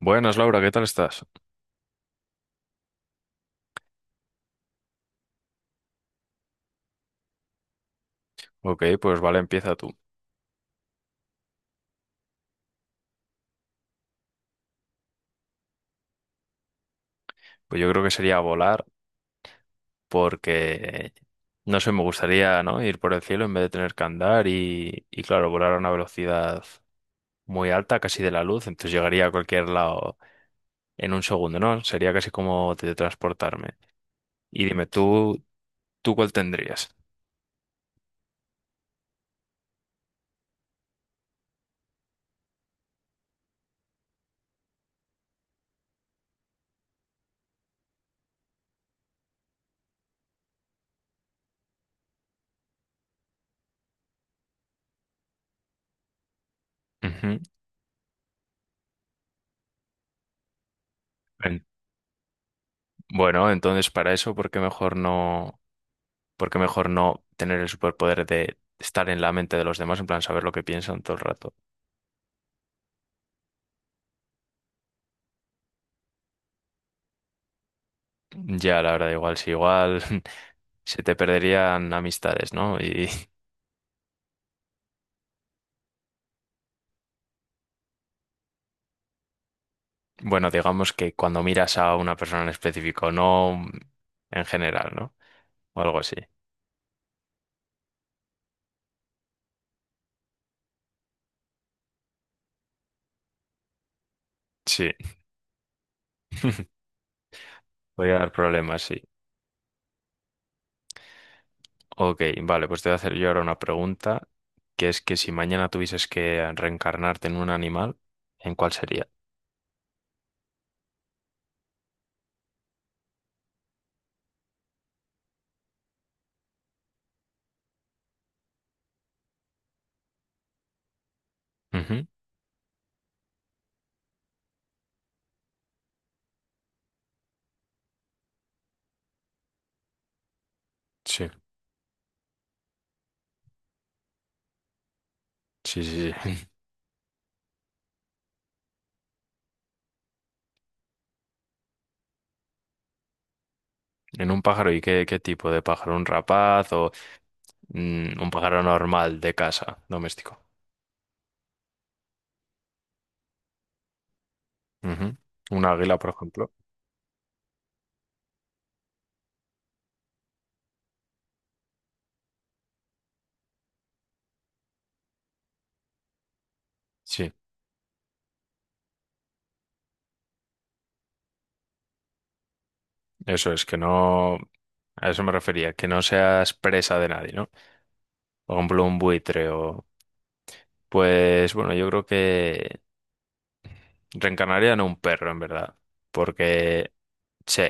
Buenas, Laura, ¿qué tal estás? Ok, pues vale, empieza tú. Pues yo creo que sería volar porque, no sé, me gustaría, ¿no? Ir por el cielo en vez de tener que andar y claro, volar a una velocidad muy alta, casi de la luz, entonces llegaría a cualquier lado en un segundo, ¿no? Sería casi como teletransportarme. Y dime, ¿tú cuál tendrías? Ujú. En- bueno, entonces para eso, por qué mejor no tener el superpoder de estar en la mente de los demás, en plan saber lo que piensan todo el rato? Ya, la verdad, igual, si igual se te perderían amistades, ¿no? Y bueno, digamos que cuando miras a una persona en específico, no en general, ¿no? O algo así. Sí, voy a dar problemas, sí. Ok, vale, pues te voy a hacer yo ahora una pregunta, que es que si mañana tuvieses que reencarnarte en un animal, ¿en cuál sería? Ujú. Sí, sí, sí, sí. En un pájaro, ¿y qué tipo de pájaro? ¿Un rapaz o un pájaro normal de casa, doméstico? Ujú. Un águila, por ejemplo. Sí, eso es, que no... A eso me refería, que no seas presa de nadie, ¿no? Por ejemplo, un buitre o... Pues bueno, yo creo que reencarnaría en un perro, en verdad. Porque... Sí,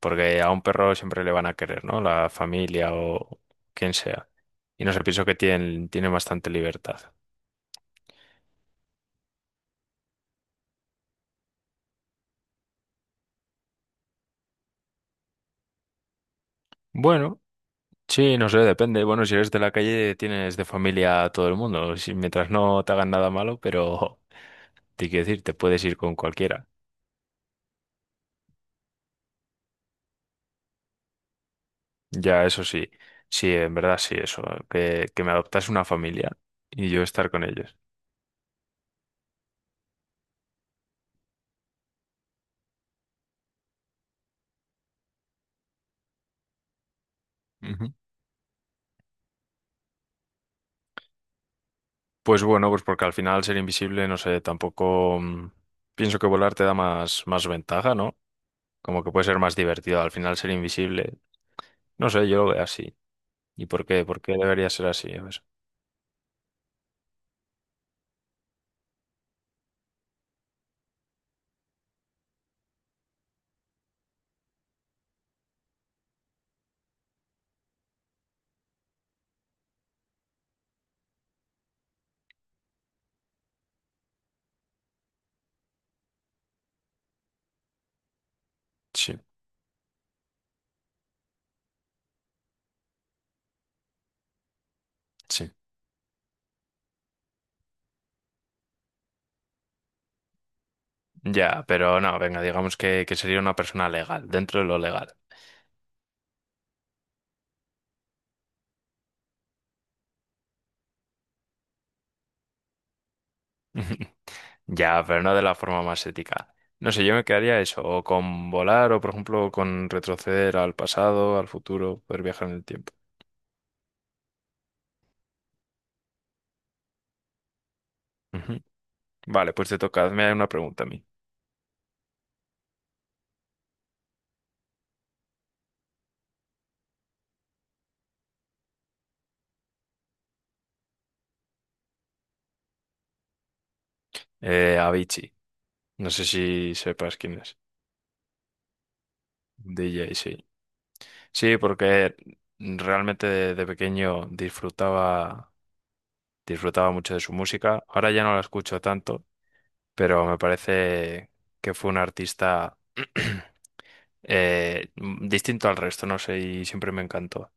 porque a un perro siempre le van a querer, ¿no? La familia o quien sea. Y no sé, pienso que tienen bastante libertad. Bueno. Sí, no sé, depende. Bueno, si eres de la calle, tienes de familia a todo el mundo. Si, mientras no te hagan nada malo, pero te quiero decir, te puedes ir con cualquiera. Ya, eso sí. Sí, en verdad sí, eso. Que me adoptas una familia y yo estar con ellos. Ujú. Pues bueno, pues porque al final ser invisible, no sé, tampoco pienso que volar te da más ventaja, ¿no? Como que puede ser más divertido. Al final ser invisible, no sé, yo lo veo así. ¿Y por qué? ¿Por qué debería ser así? A ver. Sí, sí. Ya, pero no, venga, digamos que sería una persona legal, dentro de lo legal. Ya, pero no de la forma más ética. No sé, yo me quedaría eso, o con volar, o por ejemplo con retroceder al pasado, al futuro, poder viajar en el tiempo. Ujú. Vale, pues te toca, hazme una pregunta a mí. Avicii, no sé si sepas quién es. DJ sí. Sí, porque realmente de pequeño disfrutaba, disfrutaba mucho de su música. Ahora ya no la escucho tanto, pero me parece que fue un artista distinto al resto, no sé, y siempre me encantó.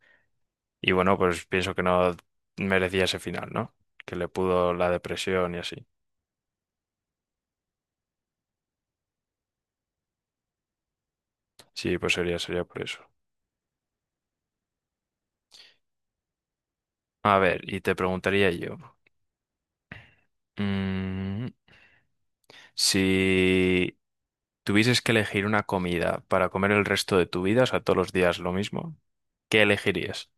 Y bueno, pues pienso que no merecía ese final, ¿no? Que le pudo la depresión y así. Sí, pues sería, sería por eso. A ver, y te preguntaría yo, mm, si tuvieses que elegir una comida para comer el resto de tu vida, o sea, todos los días lo mismo, ¿qué elegirías?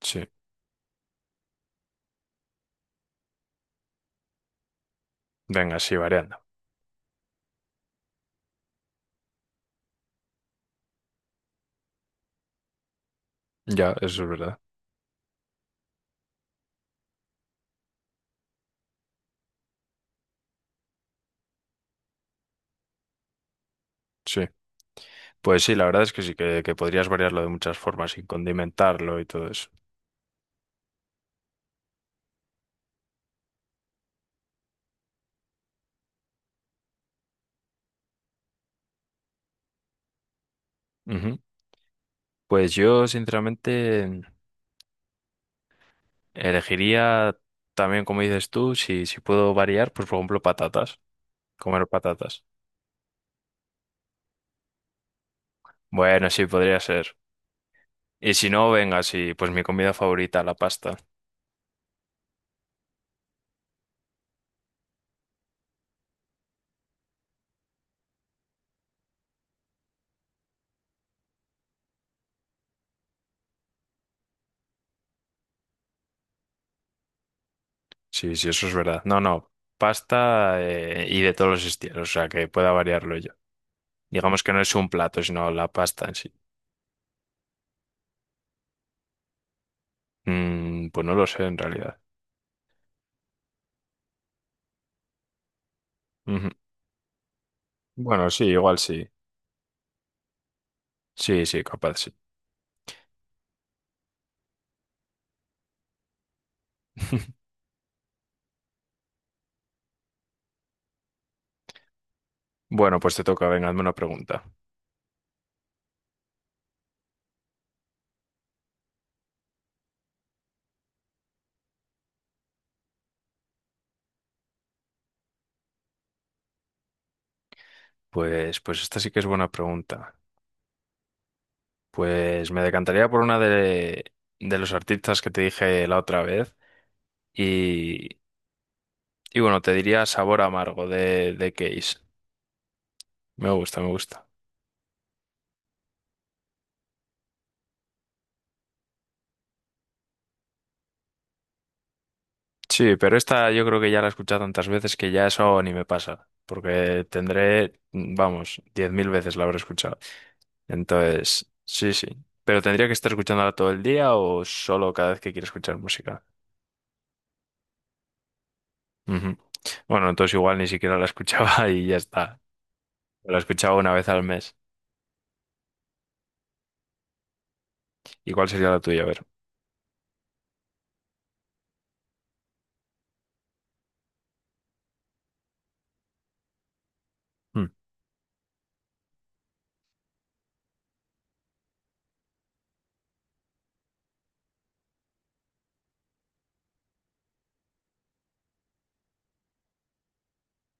Sí, venga, sí, variando. Ya, eso es verdad. Sí. Pues sí, la verdad es que sí, que podrías variarlo de muchas formas y condimentarlo y todo eso. Ujú. Pues yo, sinceramente, elegiría también, como dices tú, si puedo variar, pues por ejemplo, patatas, comer patatas. Bueno, sí, podría ser. Y si no, venga, sí, pues mi comida favorita, la pasta. Sí, sí, eso es verdad. No, no, pasta y de todos los estilos, o sea, que pueda variarlo yo. Digamos que no es un plato, sino la pasta en sí. Mm, pues no lo sé en realidad. Ujú. Bueno, sí, igual sí. Sí, sí, capaz, sí. Bueno, pues te toca, venga, hazme una pregunta. Pues, pues esta sí que es buena pregunta. Pues me decantaría por una de los artistas que te dije la otra vez. Y, y bueno, te diría Sabor Amargo de Case. Me gusta, me gusta. Sí, pero esta yo creo que ya la he escuchado tantas veces que ya eso ni me pasa. Porque tendré, vamos, 10.000 veces la habré escuchado. Entonces, sí, sí. Pero tendría que estar escuchándola todo el día o solo cada vez que quiero escuchar música. Ujú. Bueno, entonces igual ni siquiera la escuchaba y ya está. La escuchaba una vez al mes. ¿Y cuál sería la tuya? A ver. Mm.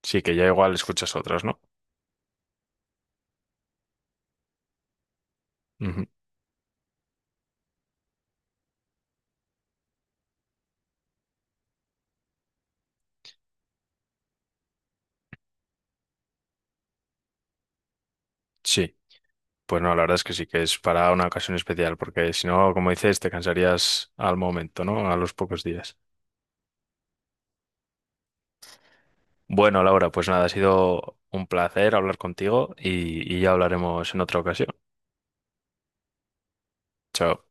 Sí, que ya igual escuchas otras, ¿no? Ujú. Sí. Pues no, la verdad es que sí, que es para una ocasión especial, porque si no, como dices, te cansarías al momento, ¿no? A los pocos días. Bueno, Laura, pues nada, ha sido un placer hablar contigo y ya hablaremos en otra ocasión. Chao.